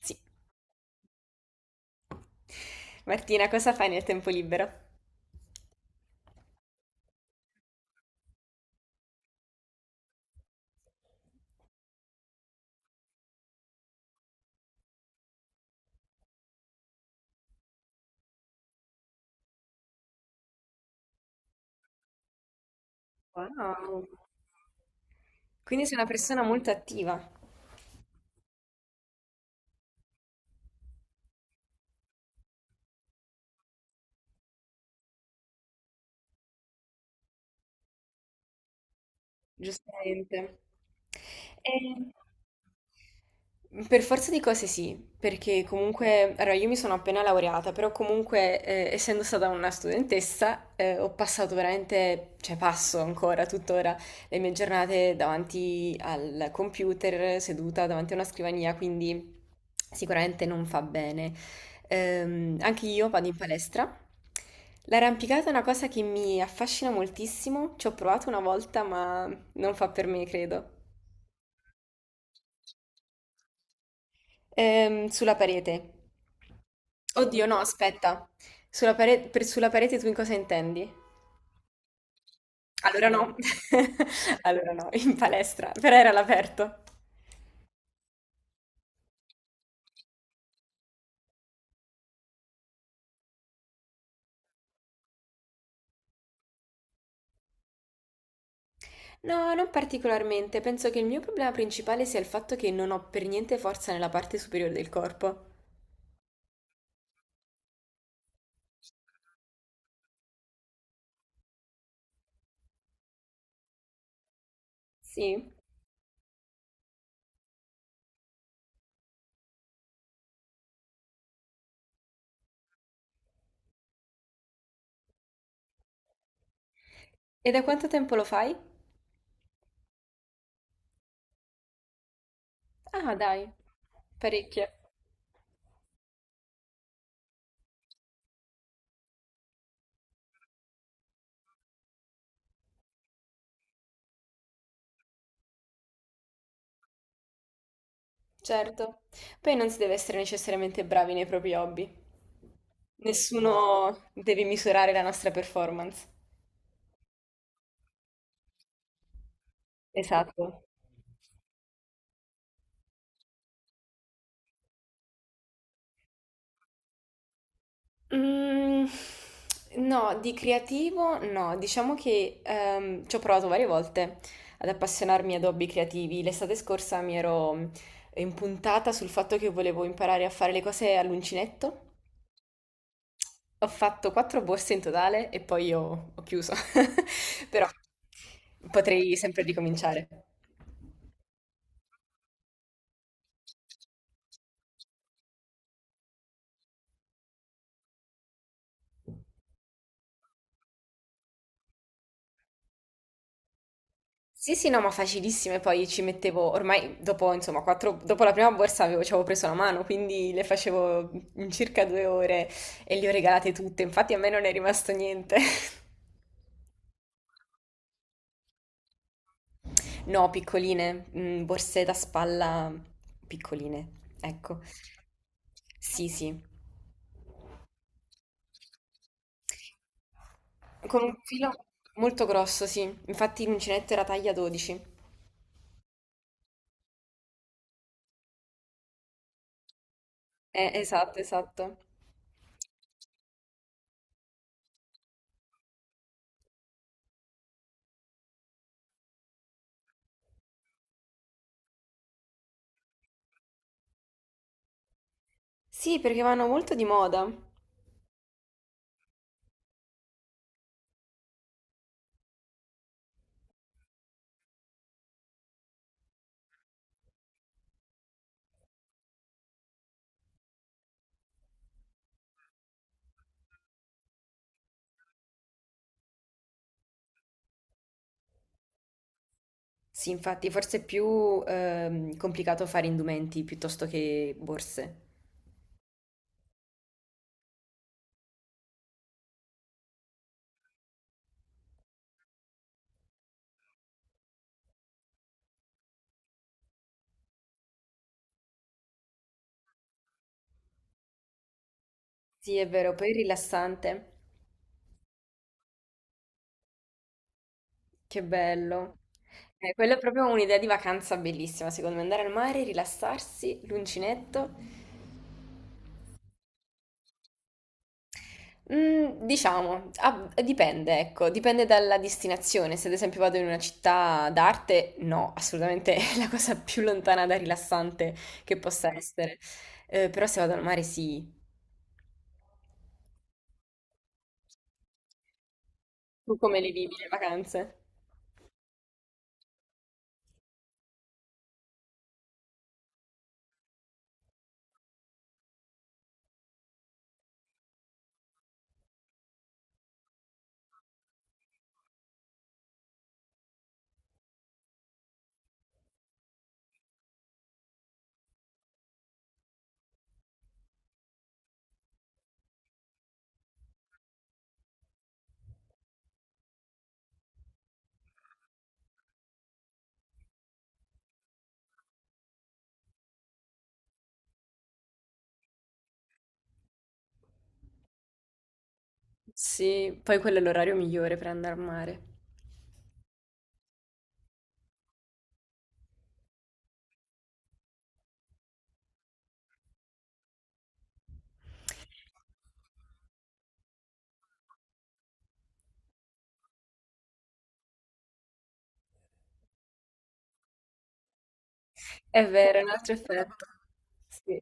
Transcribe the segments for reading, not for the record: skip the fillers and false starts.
Sì. Martina, cosa fai nel tempo libero? Wow. Quindi sei una persona molto attiva. Giustamente. E... Per forza di cose sì, perché comunque, allora io mi sono appena laureata, però comunque essendo stata una studentessa ho passato veramente, cioè passo ancora tuttora le mie giornate davanti al computer, seduta davanti a una scrivania, quindi sicuramente non fa bene. Anche io vado in palestra. L'arrampicata è una cosa che mi affascina moltissimo, ci ho provato una volta ma non fa per me, credo. Sulla parete. Oddio, no, aspetta. Per sulla parete tu in cosa intendi? Allora no. Allora no, in palestra, però era all'aperto. No, non particolarmente. Penso che il mio problema principale sia il fatto che non ho per niente forza nella parte superiore del corpo. Sì. E da quanto tempo lo fai? Ah, dai, parecchio. Certo. Poi non si deve essere necessariamente bravi nei propri hobby. Nessuno deve misurare la nostra performance. Esatto. Mm, no, di creativo no, diciamo che ci ho provato varie volte ad appassionarmi ad hobby creativi. L'estate scorsa mi ero impuntata sul fatto che volevo imparare a fare le cose all'uncinetto. Ho fatto quattro borse in totale e poi ho chiuso. Però potrei sempre ricominciare. Sì, sì, no, ma facilissime, poi ci mettevo, ormai dopo, insomma, quattro, dopo la prima borsa ci avevo preso la mano, quindi le facevo in circa 2 ore e le ho regalate tutte, infatti a me non è rimasto niente. No, piccoline, borse da spalla piccoline, ecco. Sì, sì, con un filo molto grosso, sì, infatti l'uncinetto era taglia 12. Esatto, esatto. Sì, perché vanno molto di moda. Sì, infatti, forse è più complicato fare indumenti piuttosto che borse. Sì, è vero, poi è rilassante. Che bello. Quella è proprio un'idea di vacanza bellissima, secondo me. Andare al mare, rilassarsi, l'uncinetto. Diciamo, ah, dipende, ecco, dipende dalla destinazione. Se ad esempio vado in una città d'arte, no, assolutamente è la cosa più lontana da rilassante che possa essere. Però se vado al mare, sì. Tu come le vivi le vacanze? Sì, poi quello è l'orario migliore per andare al mare. È vero, è un altro effetto. Sì.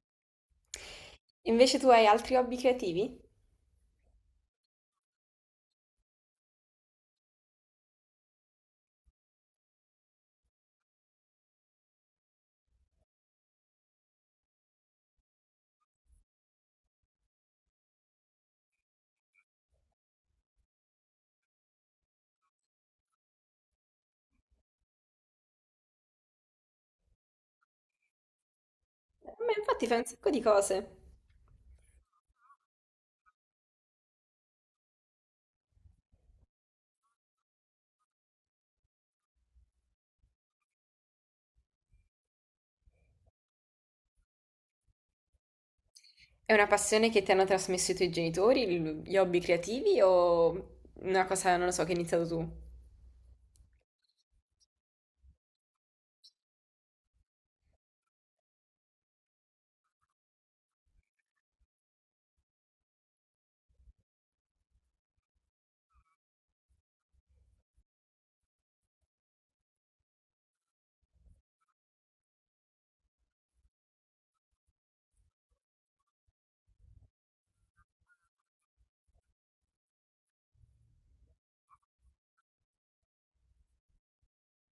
Invece tu hai altri hobby creativi? Ma infatti fai un sacco di cose. È una passione che ti hanno trasmesso i tuoi genitori, gli hobby creativi o una cosa, non lo so, che hai iniziato tu?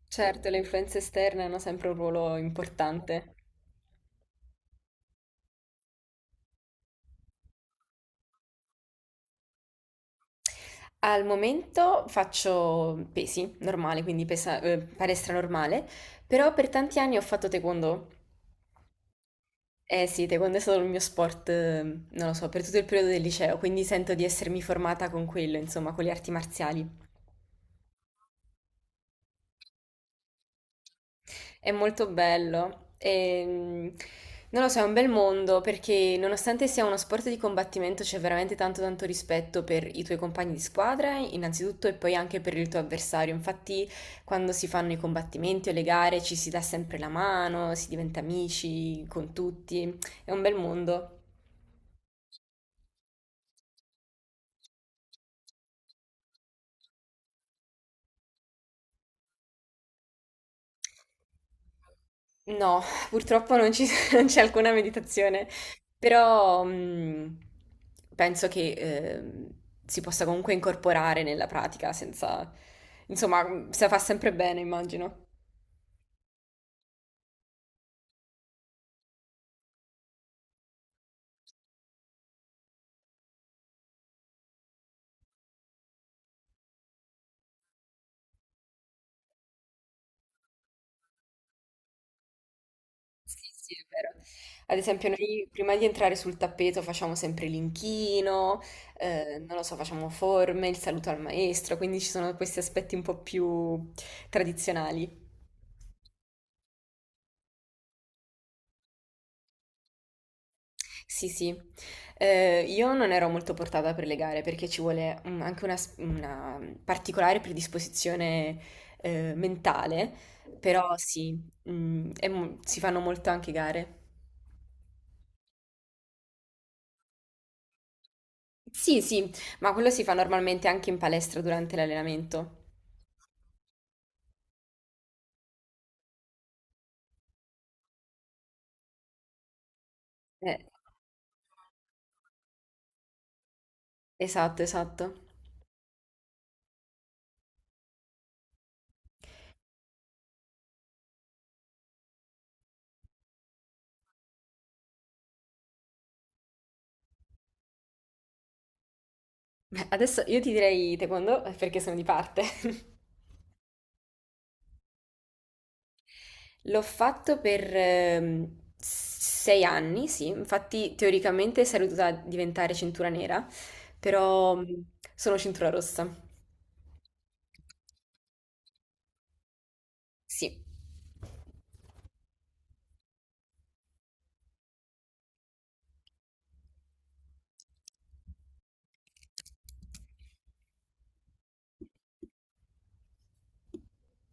Certo, le influenze esterne hanno sempre un ruolo importante. Al momento faccio pesi, normale, quindi palestra normale, però per tanti anni ho fatto taekwondo. Eh sì, taekwondo è stato il mio sport, non lo so, per tutto il periodo del liceo, quindi sento di essermi formata con quello, insomma, con le arti marziali. È molto bello e non lo so, è un bel mondo perché nonostante sia uno sport di combattimento c'è veramente tanto tanto rispetto per i tuoi compagni di squadra, innanzitutto, e poi anche per il tuo avversario. Infatti, quando si fanno i combattimenti o le gare ci si dà sempre la mano, si diventa amici con tutti, è un bel mondo. No, purtroppo non ci- non c'è alcuna meditazione, però penso che si possa comunque incorporare nella pratica senza, insomma, se la fa sempre bene, immagino. Sì, sì, è vero. Ad esempio, noi prima di entrare sul tappeto facciamo sempre l'inchino, non lo so, facciamo forme, il saluto al maestro, quindi ci sono questi aspetti un po' più tradizionali. Sì, sì. Io non ero molto portata per le gare perché ci vuole anche una particolare predisposizione mentale, però sì, si fanno molto anche gare. Sì, sì, ma quello si fa normalmente anche in palestra durante l'allenamento. Eh, esatto, esatto. Beh, adesso io ti direi taekwondo perché sono di parte. L'ho fatto per 6 anni, sì, infatti teoricamente sarei dovuta diventare cintura nera, però sono cintura rossa, sì.